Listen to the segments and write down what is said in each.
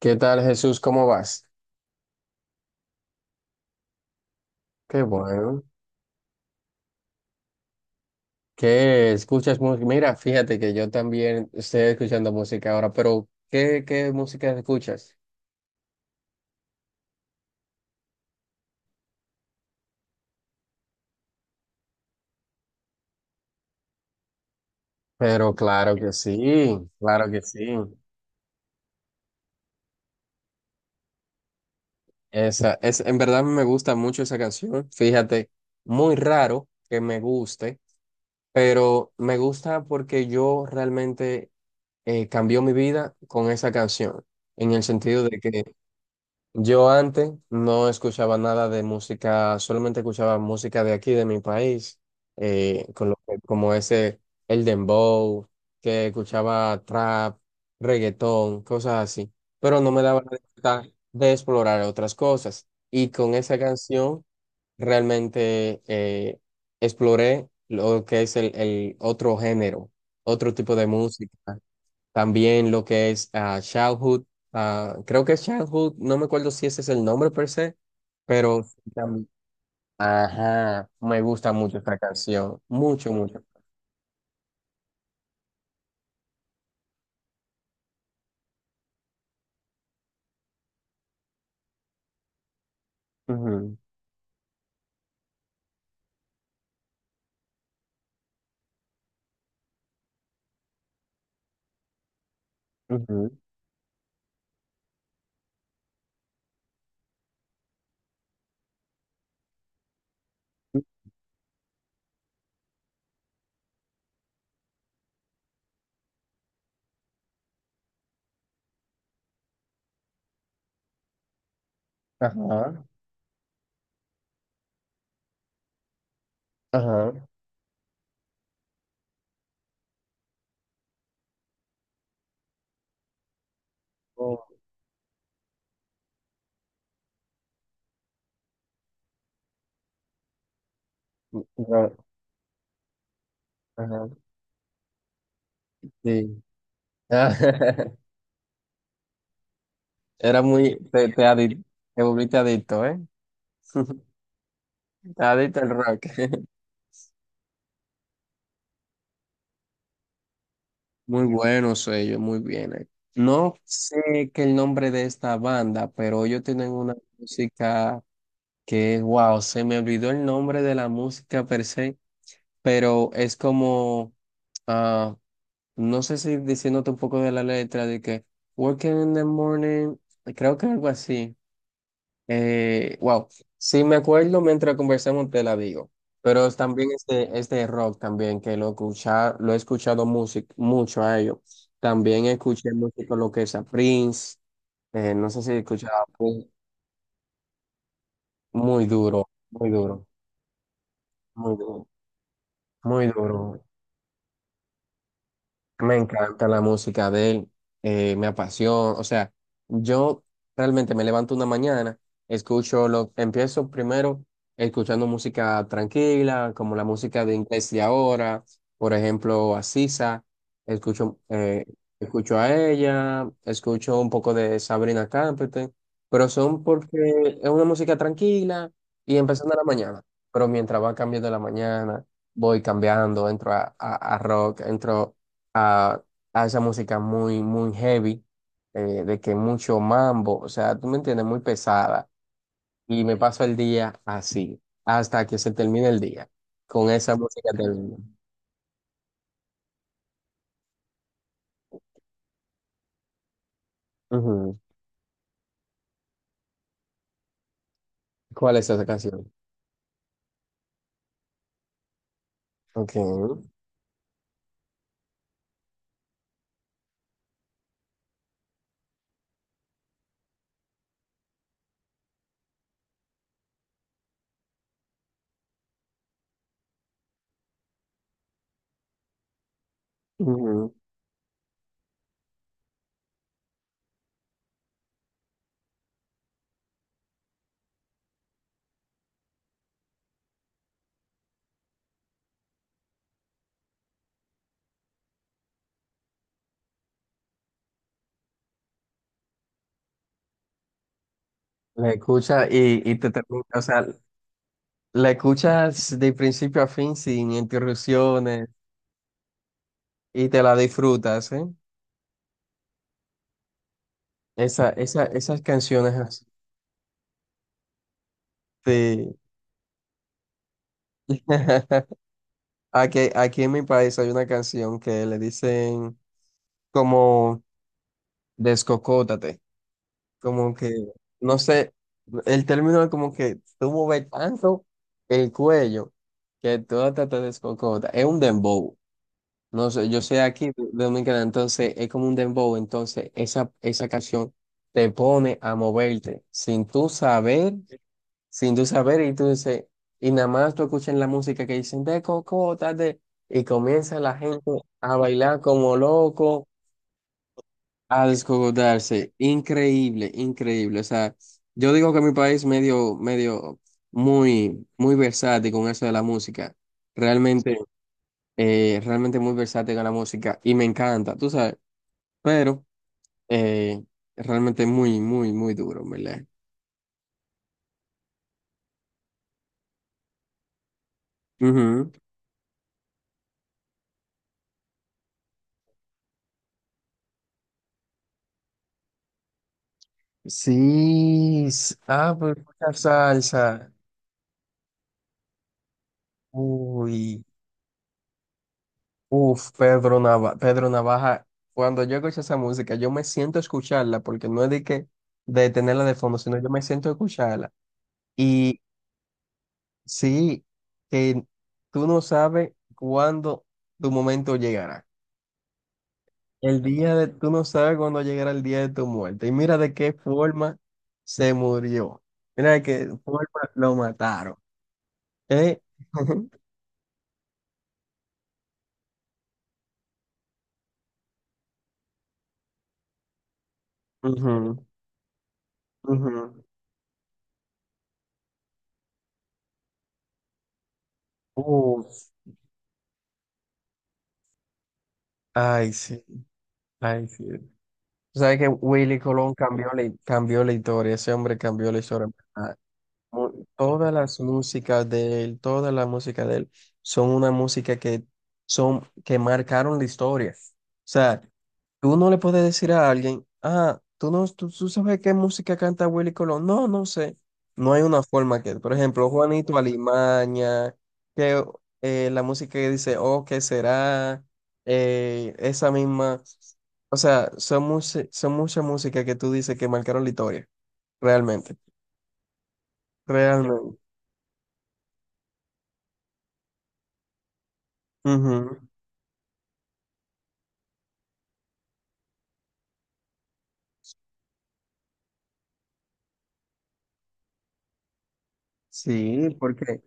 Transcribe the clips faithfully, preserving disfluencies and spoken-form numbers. ¿Qué tal, Jesús? ¿Cómo vas? Qué bueno. ¿Qué escuchas música? Mira, fíjate que yo también estoy escuchando música ahora, pero ¿qué, qué música escuchas? Pero claro que sí, claro que sí. Esa, es, en verdad me gusta mucho esa canción. Fíjate, muy raro que me guste, pero me gusta porque yo realmente eh, cambió mi vida con esa canción, en el sentido de que yo antes no escuchaba nada de música, solamente escuchaba música de aquí, de mi país, eh, con lo que- como ese, el dembow, que escuchaba trap, reggaetón, cosas así, pero no me daba la libertad de explorar otras cosas. Y con esa canción realmente eh, exploré lo que es el, el otro género, otro tipo de música. También lo que es ah, Childhood, ah, creo que es Childhood, no me acuerdo si ese es el nombre per se, pero sí también. Ajá, me gusta mucho esta canción, mucho, mucho. Ujú, ujú, ajá, ajá. Oh, no, ajá, sí. Era muy, te, te, adic- te volviste adicto, ¿eh? Adicto al rock. Muy buenos ellos, muy bien. eh. No sé qué el nombre de esta banda, pero ellos tienen una música que wow, se me olvidó el nombre de la música per se, pero es como, ah, no sé si diciéndote un poco de la letra, de que working in the morning, creo que algo así. Eh, wow, sí me acuerdo mientras conversamos te la digo, pero es también este, este rock también que lo, escucha, lo he escuchado music, mucho a ellos. También escuché música lo que es a Prince, eh, no sé si escuchaba a Prince, muy duro, muy duro, muy duro, muy duro. Me encanta la música de él, eh, me apasiona, o sea, yo realmente me levanto una mañana, escucho lo, empiezo primero escuchando música tranquila, como la música de inglés de ahora, por ejemplo, a Sisa, escucho, eh, escucho a ella, escucho un poco de Sabrina Carpenter, pero son porque es una música tranquila y empezando la mañana, pero mientras va cambiando la mañana, voy cambiando, entro a, a a rock, entro a, a esa música muy, muy heavy, eh, de que mucho mambo, o sea, tú me entiendes, muy pesada. Y me paso el día así, hasta que se termine el día, con esa música termina. Ujú. ¿Cuál es esa canción? Ok. Ujú. La escuchas y, y te termina, o sea, la escuchas de principio a fin sin interrupciones y te la disfrutas, ¿eh? Esa, esa, esas canciones así. Sí. Aquí, aquí en mi país hay una canción que le dicen como descocótate, como que, no sé, el término es como que tú mueves tanto el cuello que todo te te descocota. Es un dembow. No sé, yo soy aquí de de Dominicana, entonces es como un dembow. Entonces esa, esa canción te pone a moverte sin tú saber sin tú saber, y tú dices, y nada más tú escuchas la música que dicen de cocota, de, y comienza la gente a bailar como loco, a descogotarse. Increíble, increíble. O sea, yo digo que mi país medio, medio, muy, muy versátil con eso de la música. Realmente, eh, realmente muy versátil con la música, y me encanta, tú sabes, pero eh, realmente muy, muy, muy duro, en ¿verdad? Ujú. Sí, s- ah, pues mucha salsa. Uy, uf, Pedro Nava- Pedro Navaja. Cuando yo escucho esa música, yo me siento a escucharla, porque no es de que de tenerla de fondo, sino yo me siento a escucharla. Y sí, que tú no sabes cuándo tu momento llegará. El día de, tú no sabes cuándo llegará el día de tu muerte. Y mira de qué forma se murió. Mira de qué forma lo mataron. ¿Eh? Ujú. Ujú. Uf, ay, sí, ay, sí. Sabes que Willy Colón cambió la, cambió la historia, ese hombre cambió la historia. mu- Todas las músicas de él, toda la música de él, son una música que son, que marcaron la historia. O sea, tú no le puedes decir a alguien, ah, tú no, tú, tú sabes qué música canta Willy Colón. No, no sé. No hay una forma que, por ejemplo, Juanito Alimaña, que eh, la música que dice, oh, ¿qué será? Eh, esa misma. O sea, son, muchas son mucha música que tú dices que marcaron la historia, realmente. Realmente. Ujú. Sí, porque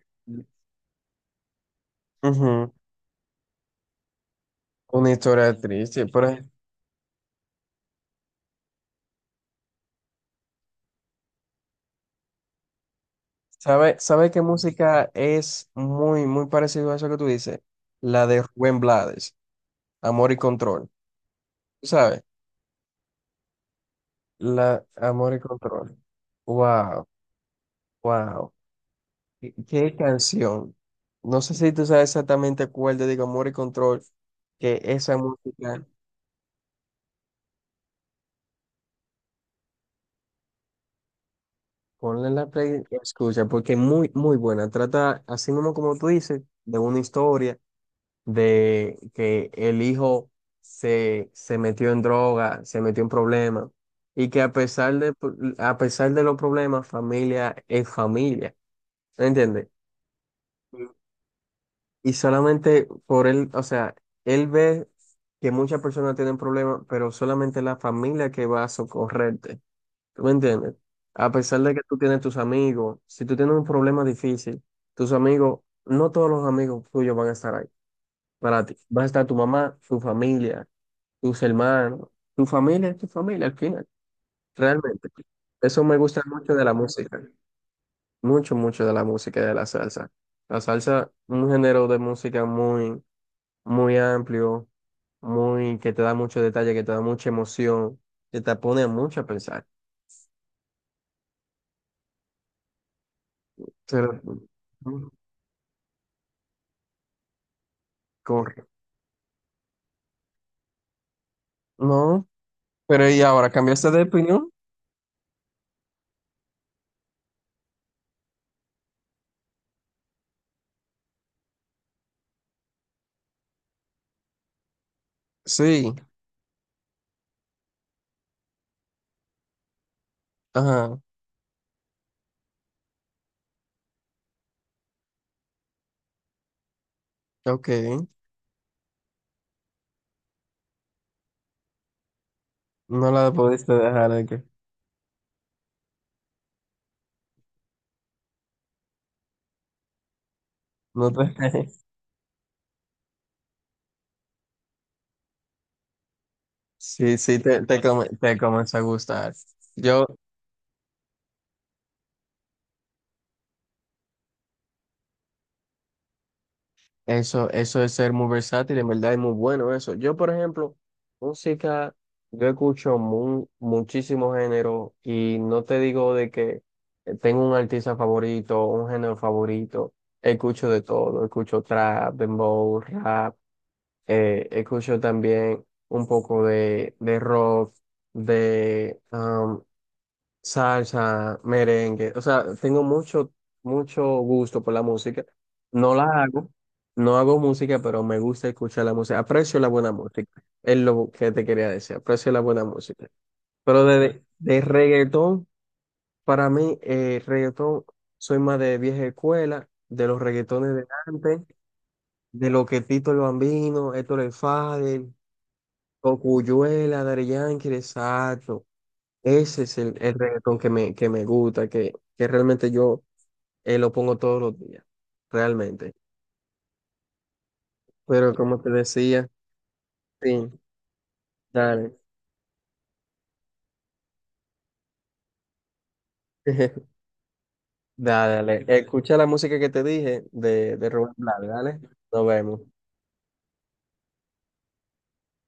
ujú, una historia triste. Pero, ¿sabe, sabe qué música es muy, muy parecido a eso que tú dices? La de Rubén Blades, Amor y Control. ¿Tú ¿Sabes? La Amor y Control. Wow, wow. ¿Qué, qué canción? No sé si tú sabes exactamente cuál te digo, Amor y Control, que esa música, ponla en la play y escucha, porque es muy, muy buena. Trata, así mismo como tú dices, de una historia. De que el hijo se, se metió en droga, se metió en problemas, y que a pesar de, a pesar de los problemas, familia es familia, ¿me entiendes? Y solamente por él, o sea, él ve que muchas personas tienen problemas, pero solamente la familia que va a socorrerte, ¿tú me entiendes? A pesar de que tú tienes tus amigos, si tú tienes un problema difícil, tus amigos, no todos los amigos tuyos van a estar ahí para ti. Va a estar tu mamá, tu familia, tus hermanos, tu familia es tu familia al final, realmente. Eso me gusta mucho de la música, mucho, mucho de la música y de la salsa. La salsa, un género de música muy, muy amplio, muy, que te da mucho detalle, que te da mucha emoción, que te pone mucho a pensar. Pero, mm, corre. No, pero ¿y ahora cambiaste de opinión? Sí, ajá, ok. No la pudiste dejar de que no te... Sí, sí, te, te, entonces, come- te comienza a gustar. Yo, eso, eso de ser muy versátil, en verdad es muy bueno eso. Yo, por ejemplo, música, yo escucho mu- muchísimos géneros y no te digo de que tengo un artista favorito, un género favorito. Escucho de todo, escucho trap, dembow, rap, eh, escucho también un poco de, de rock, de um, salsa, merengue. O sea, tengo mucho, mucho gusto por la música. No la hago, no hago música, pero me gusta escuchar la música. Aprecio la buena música. Es lo que te quería decir. Aprecio la buena música. Pero de, de reggaetón, para mí, eh, reggaetón, soy más de vieja escuela, de los reggaetones de antes, de lo que Tito el Bambino, Héctor el Father, Cocuyuela, Daddy Yankee, exacto. Ese es el, el reggaetón que me, que me gusta, que, que realmente yo eh, lo pongo todos los días, realmente. Pero como te decía, sí, dale, dale, dale. Escucha la música que te dije de, de Rubén Blades, dale. Nos vemos.